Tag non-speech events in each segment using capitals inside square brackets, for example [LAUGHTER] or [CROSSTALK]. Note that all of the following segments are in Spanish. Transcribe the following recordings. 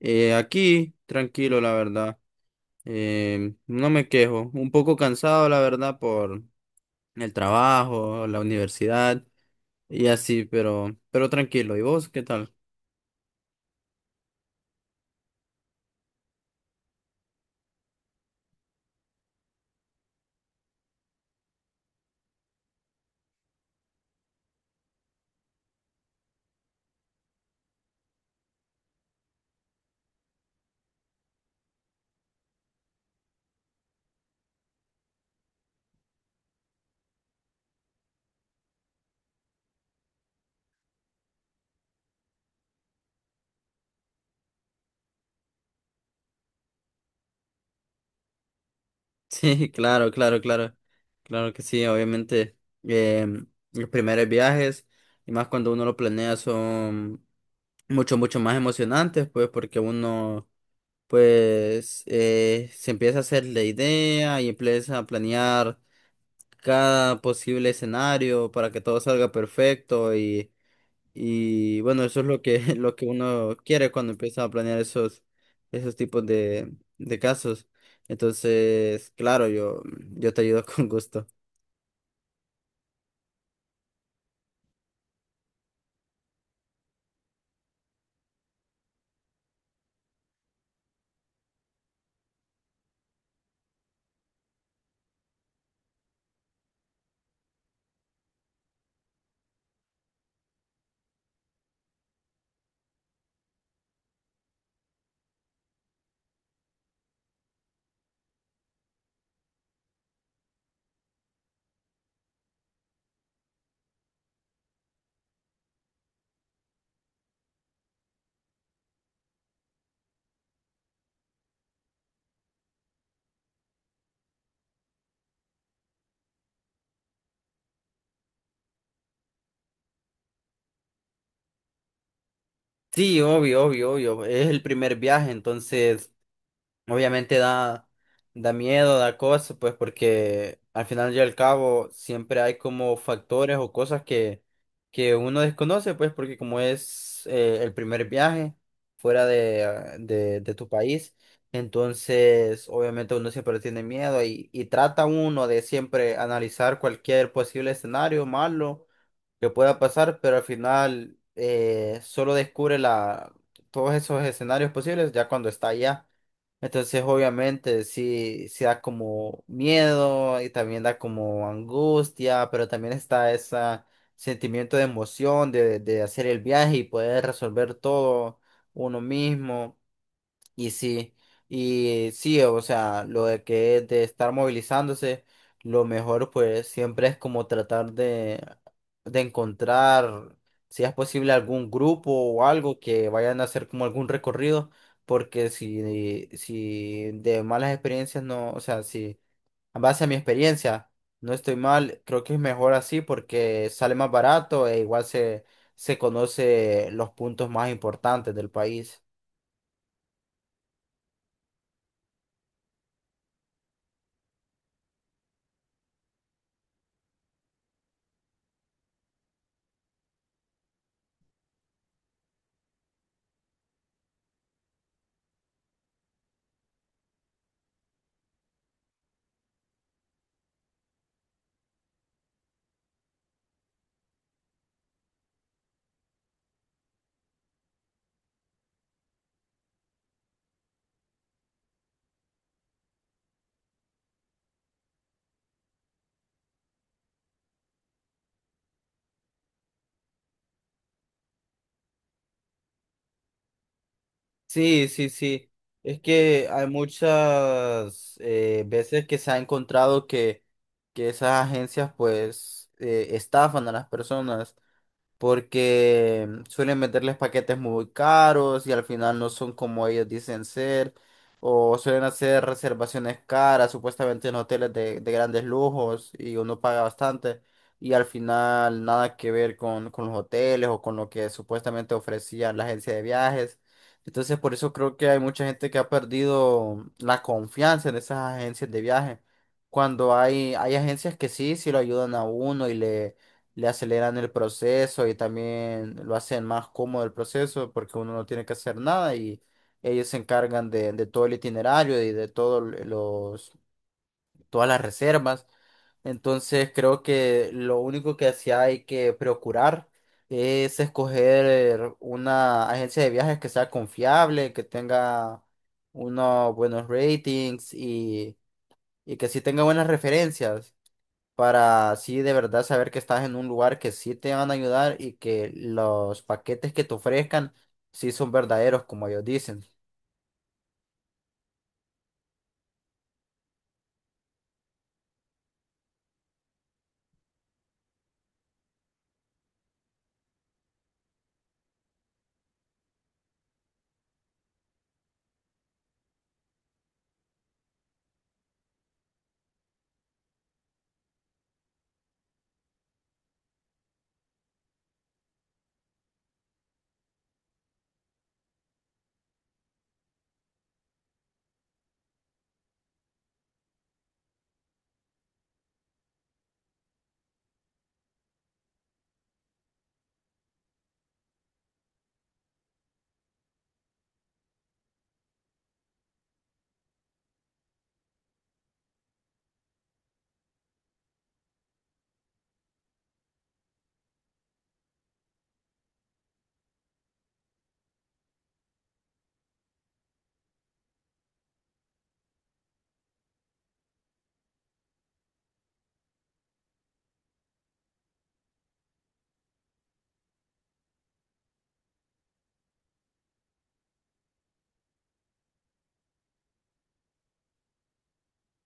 Aquí, tranquilo, la verdad. No me quejo. Un poco cansado, la verdad, por el trabajo, la universidad y así, pero tranquilo. ¿Y vos qué tal? [LAUGHS] Sí, claro, claro, claro. Claro que sí, obviamente. em, los primeros viajes, y más cuando uno lo planea, son mucho, mucho más emocionantes, pues, porque uno... pues se empieza a hacer la idea y empieza a planear cada posible escenario para que todo salga perfecto y bueno, eso es lo que, [LAUGHS] lo que uno quiere cuando empieza a planear esos, esos tipos de casos. Entonces, claro, yo te ayudo [LAUGHS] con gusto. Sí, obvio, obvio, obvio. Es el primer viaje, entonces obviamente da, da miedo, da cosas, pues porque al final y al cabo siempre hay como factores o cosas que uno desconoce, pues porque como es el primer viaje fuera de, ah, de tu país, entonces obviamente uno siempre tiene miedo y trata uno de siempre analizar cualquier posible escenario malo que pueda pasar, pero al final solo descubre la, todos esos escenarios posibles ya cuando está allá. Entonces, obviamente, sí, sí da como miedo y también da como angustia, pero también está ese sentimiento de emoción de hacer el viaje y poder resolver todo uno mismo. Y sí, y sí, o sea, lo de que es de estar movilizándose, lo mejor pues siempre es como tratar de encontrar, si es posible, algún grupo o algo que vayan a hacer como algún recorrido, porque si, si de malas experiencias no, o sea, si a base a mi experiencia no estoy mal, creo que es mejor así porque sale más barato e igual se, se conoce los puntos más importantes del país. Sí, sí, sí. Es que hay muchas veces que se ha encontrado que esas agencias pues estafan a las personas porque suelen meterles paquetes muy caros y al final no son como ellos dicen ser, o suelen hacer reservaciones caras, supuestamente en hoteles de grandes lujos y uno paga bastante y al final nada que ver con los hoteles o con lo que supuestamente ofrecía la agencia de viajes. Entonces por eso creo que hay mucha gente que ha perdido la confianza en esas agencias de viaje. Cuando hay agencias que sí, sí lo ayudan a uno y le aceleran el proceso y también lo hacen más cómodo el proceso porque uno no tiene que hacer nada y ellos se encargan de todo el itinerario y de todos los, todas las reservas. Entonces creo que lo único que sí hay que procurar es escoger una agencia de viajes que sea confiable, que tenga unos buenos ratings y que sí tenga buenas referencias para así de verdad saber que estás en un lugar que sí te van a ayudar y que los paquetes que te ofrezcan sí son verdaderos, como ellos dicen.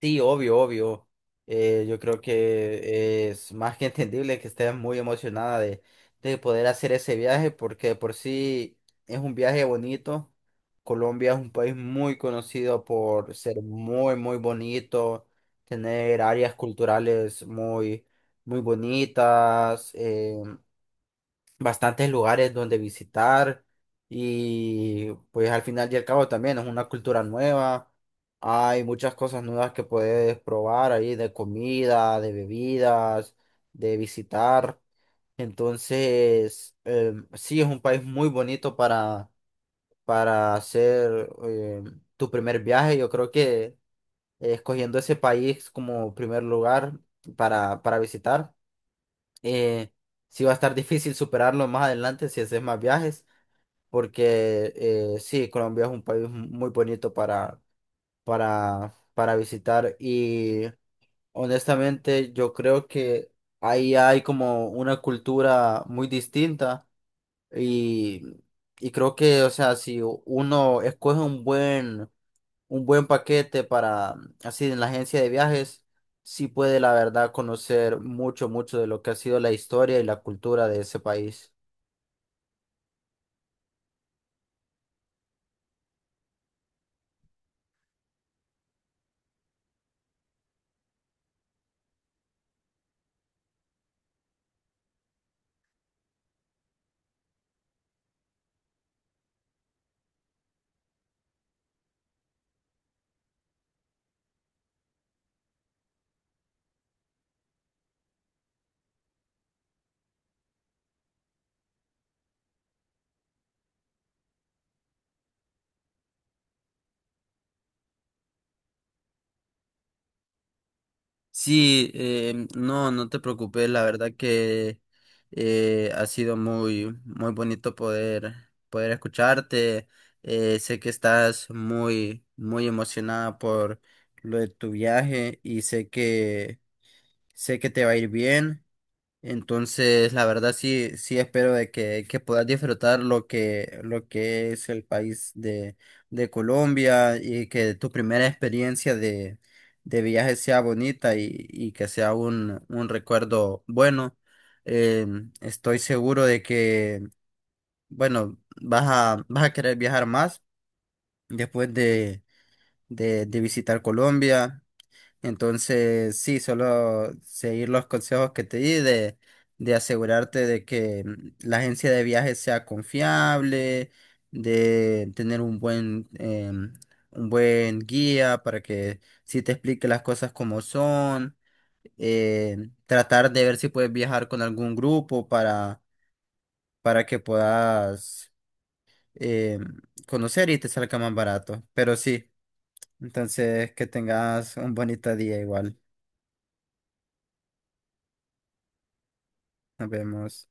Sí, obvio, obvio. Yo creo que es más que [LAUGHS] entendible que estés muy emocionada de poder hacer ese viaje porque de por sí es un viaje bonito. Colombia es un país muy conocido por ser muy, muy bonito, tener áreas culturales muy muy bonitas, bastantes lugares donde visitar y pues al final y al cabo también es una cultura nueva. Hay muchas cosas nuevas que puedes probar ahí de comida, de bebidas, de visitar. Entonces, sí, es un país muy bonito para hacer tu primer viaje. Yo creo que escogiendo ese país como primer lugar para visitar eh, sí va a estar difícil superarlo más adelante si haces más viajes, porque sí, Colombia es un país muy bonito para visitar y honestamente yo creo que ahí hay como una cultura muy distinta y, y creo que, o sea, si uno escoge un buen paquete para, así en la agencia de viajes, sí puede la verdad conocer mucho, mucho de lo que ha sido la historia y la cultura de ese país. Sí, no, no te preocupes, la verdad que ha sido muy, muy bonito poder, poder escucharte. Sé que estás muy, muy emocionada por lo de tu viaje y sé que te va a ir bien. Entonces, la verdad sí, sí espero de que puedas disfrutar lo que es el país de Colombia y que tu primera experiencia de viaje sea bonita y que sea un recuerdo bueno. Eh, estoy seguro de que, bueno, vas a, vas a querer viajar más después de visitar Colombia. Entonces, sí, solo seguir los consejos que te di de asegurarte de que la agencia de viajes sea confiable, de tener un buen, em, un buen guía para que sí te explique las cosas como son, eh, tratar de ver si puedes viajar con algún grupo para que puedas em, conocer y te salga más barato. Pero sí, entonces que tengas un bonito día igual. Nos vemos.